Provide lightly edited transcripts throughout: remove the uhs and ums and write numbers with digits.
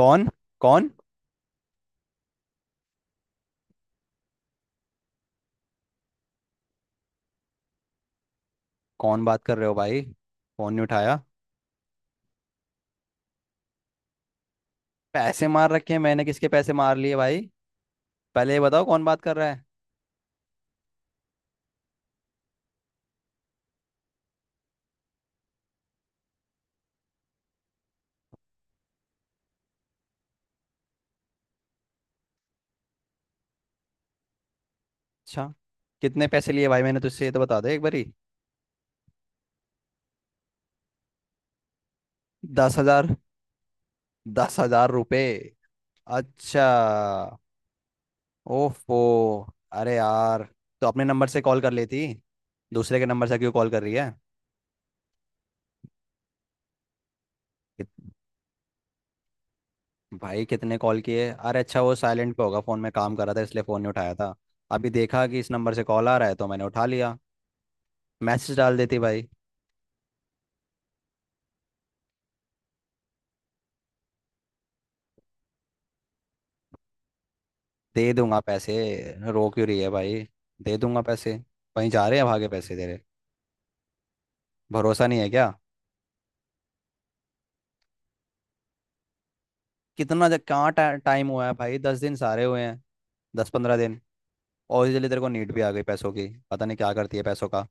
कौन कौन कौन बात कर रहे हो भाई। फोन नहीं उठाया। पैसे मार रखे हैं? मैंने किसके पैसे मार लिए भाई। पहले ये बताओ कौन बात कर रहा है। अच्छा। कितने पैसे लिए भाई मैंने तुझसे, ये तो बता दे एक बारी। 10,000? 10,000 रुपये? अच्छा। ओफो। अरे यार। तो अपने नंबर से कॉल कर लेती। दूसरे के नंबर से क्यों कॉल कर रही है। कित, भाई कितने कॉल किए? अरे अच्छा, वो साइलेंट पे होगा फोन, में काम कर रहा था इसलिए फोन नहीं उठाया था। अभी देखा कि इस नंबर से कॉल आ रहा है तो मैंने उठा लिया। मैसेज डाल देती भाई। दे दूंगा पैसे। रो क्यों रही है भाई? दे दूंगा पैसे। कहीं जा रहे हैं भागे पैसे तेरे? भरोसा नहीं है क्या? कितना, जब कहाँ टाइम हुआ है भाई? 10 दिन सारे हुए हैं। 10-15 दिन। और जल्दी तेरे को नीड भी आ गई पैसों की, पता नहीं क्या करती है पैसों का।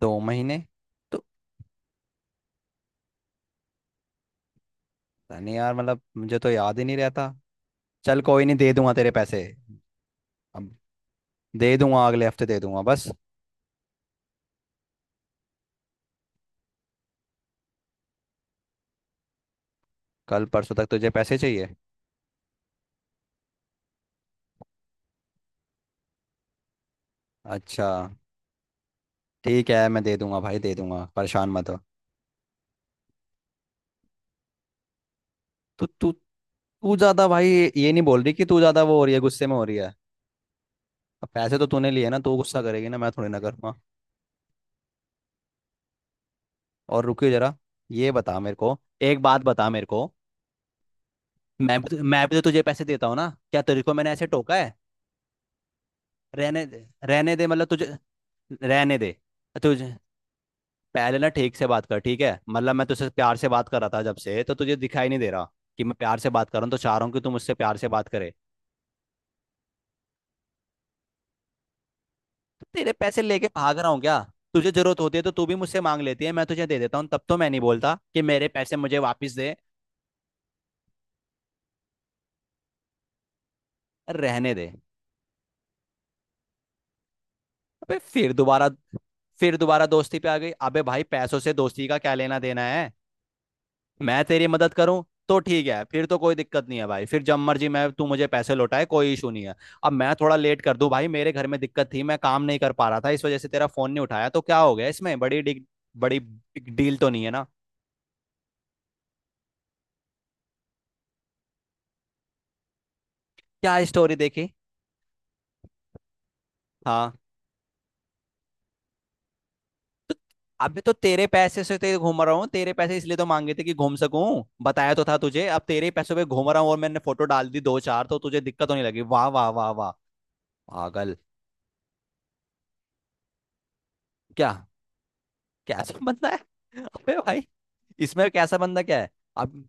2 महीने? तो पता नहीं यार, मतलब मुझे तो याद ही नहीं रहता। चल कोई नहीं, दे दूंगा तेरे पैसे। अब। दे दूंगा, अगले हफ्ते दे दूंगा बस। कल परसों तक तुझे पैसे चाहिए? अच्छा। ठीक है, मैं दे दूंगा भाई, दे दूंगा, परेशान मत हो। तो तू तू ज्यादा भाई। ये नहीं बोल रही कि तू ज्यादा, वो हो रही है, गुस्से में हो रही है। अब पैसे तो तूने लिए ना, तू गुस्सा करेगी ना, मैं थोड़ी ना करूंगा। और रुकियो जरा। ये बता मेरे को। एक बात बता मेरे को। मैं भी तो तुझे पैसे देता हूँ ना, क्या तेरे को मैंने ऐसे टोका है? रहने दे, रहने दे, मतलब तुझे। रहने दे। तुझे। पहले ना ठीक से बात कर ठीक है? मतलब मैं तुझसे प्यार से बात कर रहा था जब से, तो तुझे दिखाई नहीं दे रहा। कि मैं प्यार से बात कर रहा हूँ, तो चाह रहा हूँ कि तू मुझसे प्यार से बात करे। तेरे पैसे लेके भाग रहा हूँ क्या? तुझे जरूरत होती है तो तू भी मुझसे मांग लेती है, मैं तुझे दे देता हूँ, तब तो मैं नहीं बोलता कि मेरे पैसे मुझे वापस दे। रहने दे। अबे फिर दोबारा दोस्ती पे आ गई। अबे भाई पैसों से दोस्ती का क्या लेना देना है। मैं तेरी मदद करूं। तो ठीक है, फिर तो कोई दिक्कत नहीं है भाई, फिर जब मर्जी मैं तू मुझे पैसे लौटाए, कोई इशू नहीं है। अब मैं थोड़ा लेट कर दूं भाई, मेरे घर में दिक्कत थी, मैं काम नहीं कर पा रहा था, इस वजह से तेरा फोन नहीं उठाया तो क्या हो गया इसमें? बड़ी बिग डील तो नहीं है ना। क्या स्टोरी देखी? हाँ। अबे, तो तेरे पैसे से तो ये घूम रहा हूँ, तेरे पैसे इसलिए तो मांगे थे कि घूम सकूं, बताया तो था तुझे, अब तेरे ही पैसों पे घूम रहा हूँ और मैंने फोटो डाल दी दो चार तो तुझे दिक्कत होने लगी। वाह वाह वाह वाह। पागल। क्या? कैसा बंदा है? अबे भाई। इसमें कैसा बंदा क्या है? अब।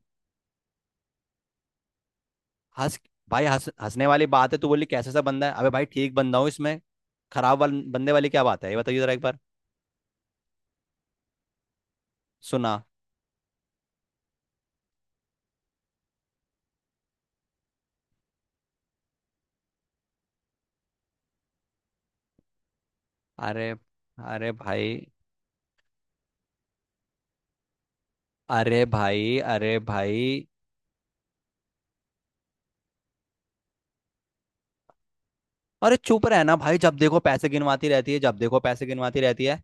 हंस। भाई हंस हंसने वाली बात है, तू बोली कैसा सा बंदा है, अबे भाई ठीक बंदा हूँ इसमें। बंदे वाली क्या बात है ये बताइए जरा एक बार। सुना। अरे। अरे भाई। अरे भाई। अरे भाई। अरे चुप रहना भाई, जब देखो पैसे गिनवाती रहती है, जब देखो पैसे गिनवाती रहती है।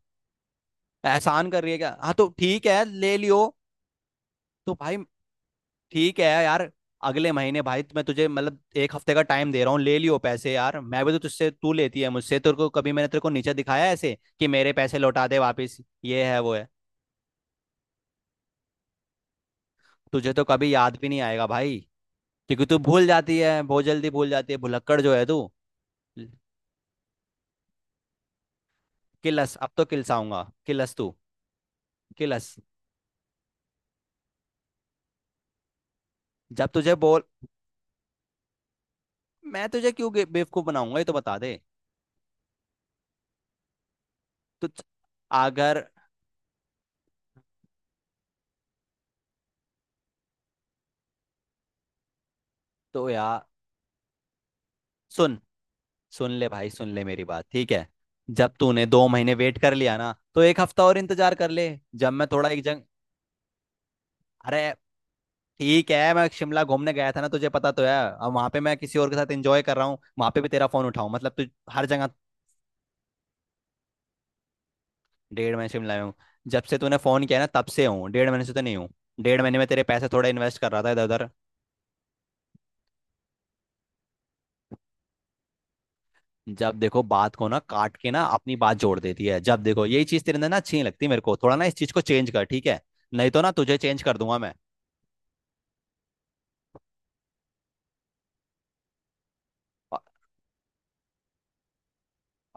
एहसान कर रही है क्या? हाँ तो ठीक है, ले लियो। तो भाई। ठीक है यार। अगले महीने भाई, मैं तुझे मतलब एक हफ्ते का टाइम दे रहा हूँ, ले लियो पैसे यार। मैं भी तो तुझसे, तू लेती है मुझसे, तेरे को कभी मैंने तेरे को नीचे दिखाया है ऐसे कि मेरे पैसे लौटा दे वापस? ये है वो है। तुझे तो कभी याद भी नहीं आएगा भाई। क्योंकि तू भूल जाती है, बहुत जल्दी भूल जाती है, भुलक्कड़ जो है तू। किलस, अब तो किलसाऊंगा, किलस तू। किलस जब तुझे बोल। मैं तुझे क्यों बेवकूफ बनाऊंगा ये तो बता दे। तू अगर। तो यार। सुन। सुन ले भाई, सुन ले मेरी बात, ठीक है। जब तूने 2 महीने वेट कर लिया ना, तो एक हफ्ता और इंतजार कर ले। जब मैं थोड़ा एक जंग। अरे। ठीक है, मैं शिमला घूमने गया था ना, तुझे पता तो है, अब वहां पे मैं किसी और के साथ एंजॉय कर रहा हूँ, वहां पे भी तेरा फोन उठाऊं मतलब तू। हर जगह। डेढ़ महीने शिमला में हूँ। जब से तूने फोन किया ना तब से हूँ, डेढ़ महीने से तो नहीं हूँ। डेढ़ महीने में तेरे पैसे थोड़े इन्वेस्ट कर रहा था इधर उधर। जब देखो बात को ना काट के ना अपनी बात जोड़ देती है, जब देखो यही चीज तेरे अंदर ना अच्छी नहीं लगती मेरे को, थोड़ा ना इस चीज को चेंज कर ठीक है? नहीं तो ना तुझे चेंज कर दूंगा मैं। अ-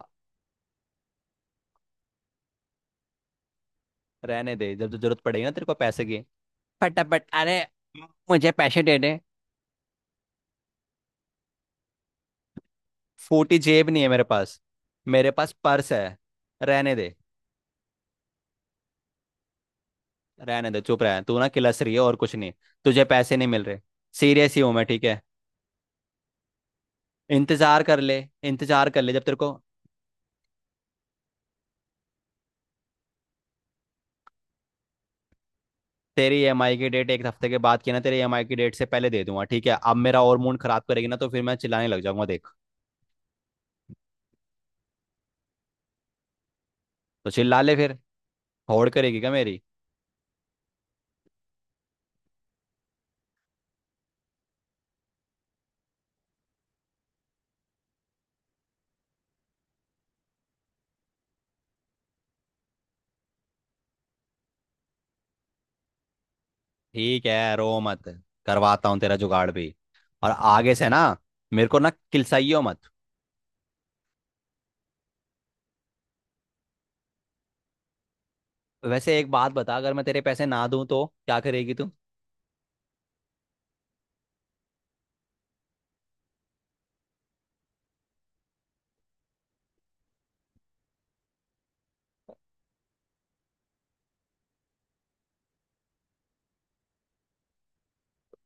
अ- रहने दे, जब जब जरूरत पड़ेगी ना तेरे को पैसे की। फटाफट अरे। मुझे पैसे दे दे। फूटी जेब नहीं है मेरे पास। मेरे पास पर्स है। रहने दे। रहने दे, चुप रह तू, ना किलस रही है और कुछ नहीं। तुझे पैसे नहीं मिल रहे। सीरियस ही हूं मैं, ठीक है। इंतजार कर ले। इंतजार कर ले जब तेरे को। तेरी ईएमआई की डेट एक हफ्ते के बाद की है ना, तेरी ईएमआई की डेट से पहले दे दूंगा, ठीक है? अब मेरा और मूड खराब करेगी ना, तो फिर मैं चिल्लाने लग जाऊंगा देख। तो चिल्ला ले फिर। होड़ करेगी क्या मेरी? ठीक है रो मत। करवाता हूँ तेरा जुगाड़ भी। और आगे से ना। मेरे को ना किलसाइयो मत। वैसे एक बात बता, अगर मैं तेरे पैसे ना दूं तो क्या करेगी तू?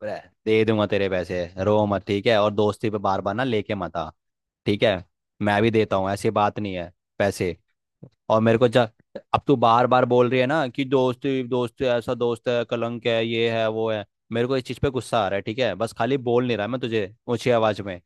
रह, दे दूंगा तेरे पैसे, रो मत ठीक है, और दोस्ती पे बार बार ना लेके मत आ। ठीक है। मैं भी देता हूँ, ऐसी बात नहीं है। पैसे। और मेरे को जा। अब तू बार बार बोल रही है ना कि दोस्त दोस्त, ऐसा दोस्त है, कलंक है, ये है वो है। मेरे को इस चीज पे गुस्सा आ रहा है, ठीक है? बस खाली बोल नहीं रहा मैं तुझे ऊंची आवाज में।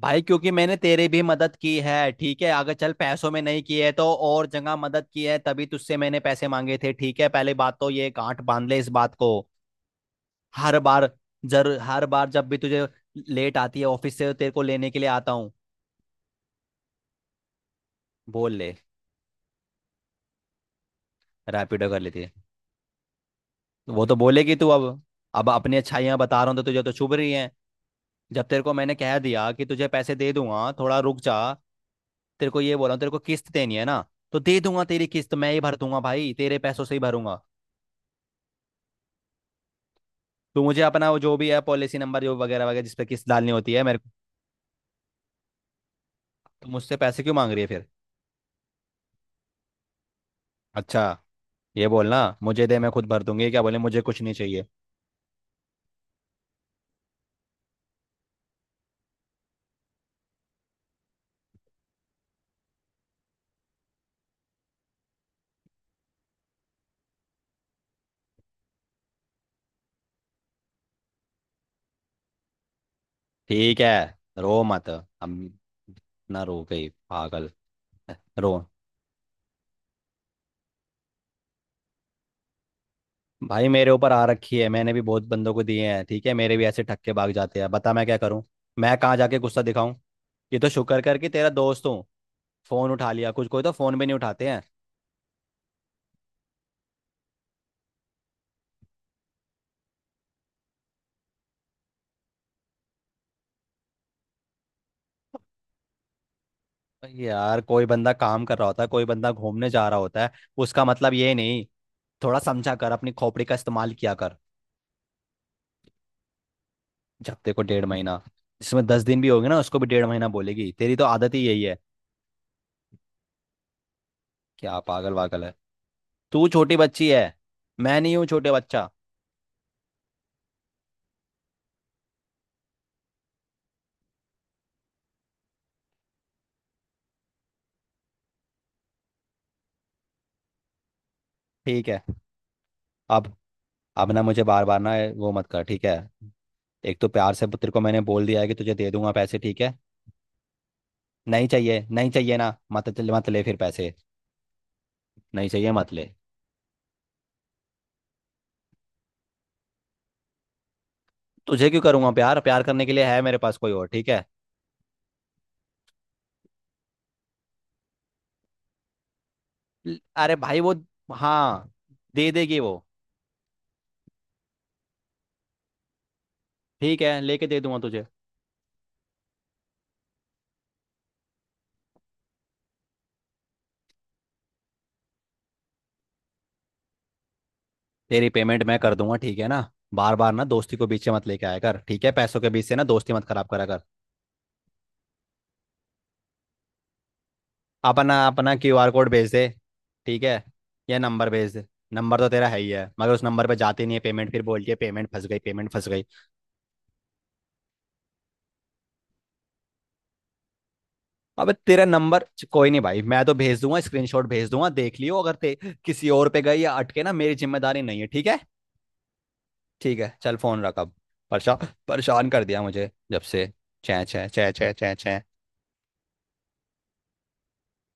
भाई क्योंकि मैंने तेरी भी मदद की है, ठीक है? अगर चल पैसों में नहीं की है तो और जगह मदद की है, तभी तुझसे मैंने पैसे मांगे थे, ठीक है? पहले बात तो ये गांठ बांध ले इस बात को। हर बार हर बार जब भी तुझे लेट आती है ऑफिस से, तेरे को लेने के लिए आता हूँ। बोल ले। रैपिडो कर लेती है। वो तो बोलेगी तू अब। अब अपनी अच्छाइयाँ बता रहा हूँ तो तुझे तो चुभ रही हैं। जब तेरे को मैंने कह दिया कि तुझे पैसे दे दूंगा थोड़ा रुक जा। तेरे को ये बोला तेरे को किस्त देनी है ना? तो दे दूंगा तेरी किस्त, मैं ही भर दूंगा भाई, तेरे पैसों से ही भरूंगा। तू मुझे अपना वो जो भी है पॉलिसी नंबर जो वगैरह वगैरह जिस पे किस्त डालनी होती है मेरे को। तो मुझसे पैसे क्यों मांग रही है फिर? अच्छा। ये बोलना मुझे दे मैं खुद भर दूंगी, क्या बोले मुझे कुछ नहीं चाहिए? ठीक है रो मत। हम। ना रो गई पागल। रो। भाई मेरे ऊपर आ रखी है, मैंने भी बहुत बंदों को दिए हैं, ठीक है? मेरे भी ऐसे ठक्के भाग जाते हैं, बता मैं क्या करूं। मैं कहाँ जाके गुस्सा दिखाऊं। ये तो शुक्र कर कि तेरा दोस्त हूँ। फोन उठा लिया, कुछ कोई तो फोन भी नहीं उठाते हैं। भाई यार कोई बंदा काम कर रहा होता है, कोई बंदा घूमने जा रहा होता है। उसका मतलब ये नहीं। थोड़ा समझा कर, अपनी खोपड़ी का इस्तेमाल किया कर। जब तेरे को डेढ़ महीना, जिसमें 10 दिन भी होंगे ना उसको भी डेढ़ महीना बोलेगी, तेरी तो आदत ही यही है। क्या पागल वागल है? तू छोटी बच्ची है। मैं नहीं हूँ छोटे बच्चा। ठीक है। अब अब ना मुझे बार बार ना वो मत कर, ठीक है? एक तो प्यार से तेरे को मैंने बोल दिया है कि तुझे दे दूंगा पैसे, ठीक है? नहीं चाहिए, नहीं चाहिए ना मत चल मत ले फिर पैसे। नहीं चाहिए मत ले। तुझे क्यों करूंगा प्यार, प्यार करने के लिए है मेरे पास कोई और, ठीक है? अरे भाई वो। हाँ। दे देगी वो। ठीक है लेके दे दूंगा तुझे। तेरी पेमेंट मैं कर दूंगा, ठीक है ना? बार बार ना दोस्ती को बीच में मत लेके आया कर, ठीक है? पैसों के बीच से ना दोस्ती मत खराब करा कर। अपना अपना क्यूआर कोड भेज दे। ठीक है। या नंबर भेज दे। नंबर तो तेरा है ही है, मगर उस नंबर पे जाती नहीं है पेमेंट, फिर बोलती है पेमेंट फंस गई, पेमेंट फंस गई। अबे तेरा नंबर। कोई नहीं भाई, मैं तो भेज दूंगा स्क्रीनशॉट भेज दूंगा, देख लियो अगर ते किसी और पे गई या अटके ना, मेरी जिम्मेदारी नहीं है, ठीक है। ठीक है चल फोन रख अब। परेशान परेशान कर दिया मुझे जब से। चै चै चै चै चै चै।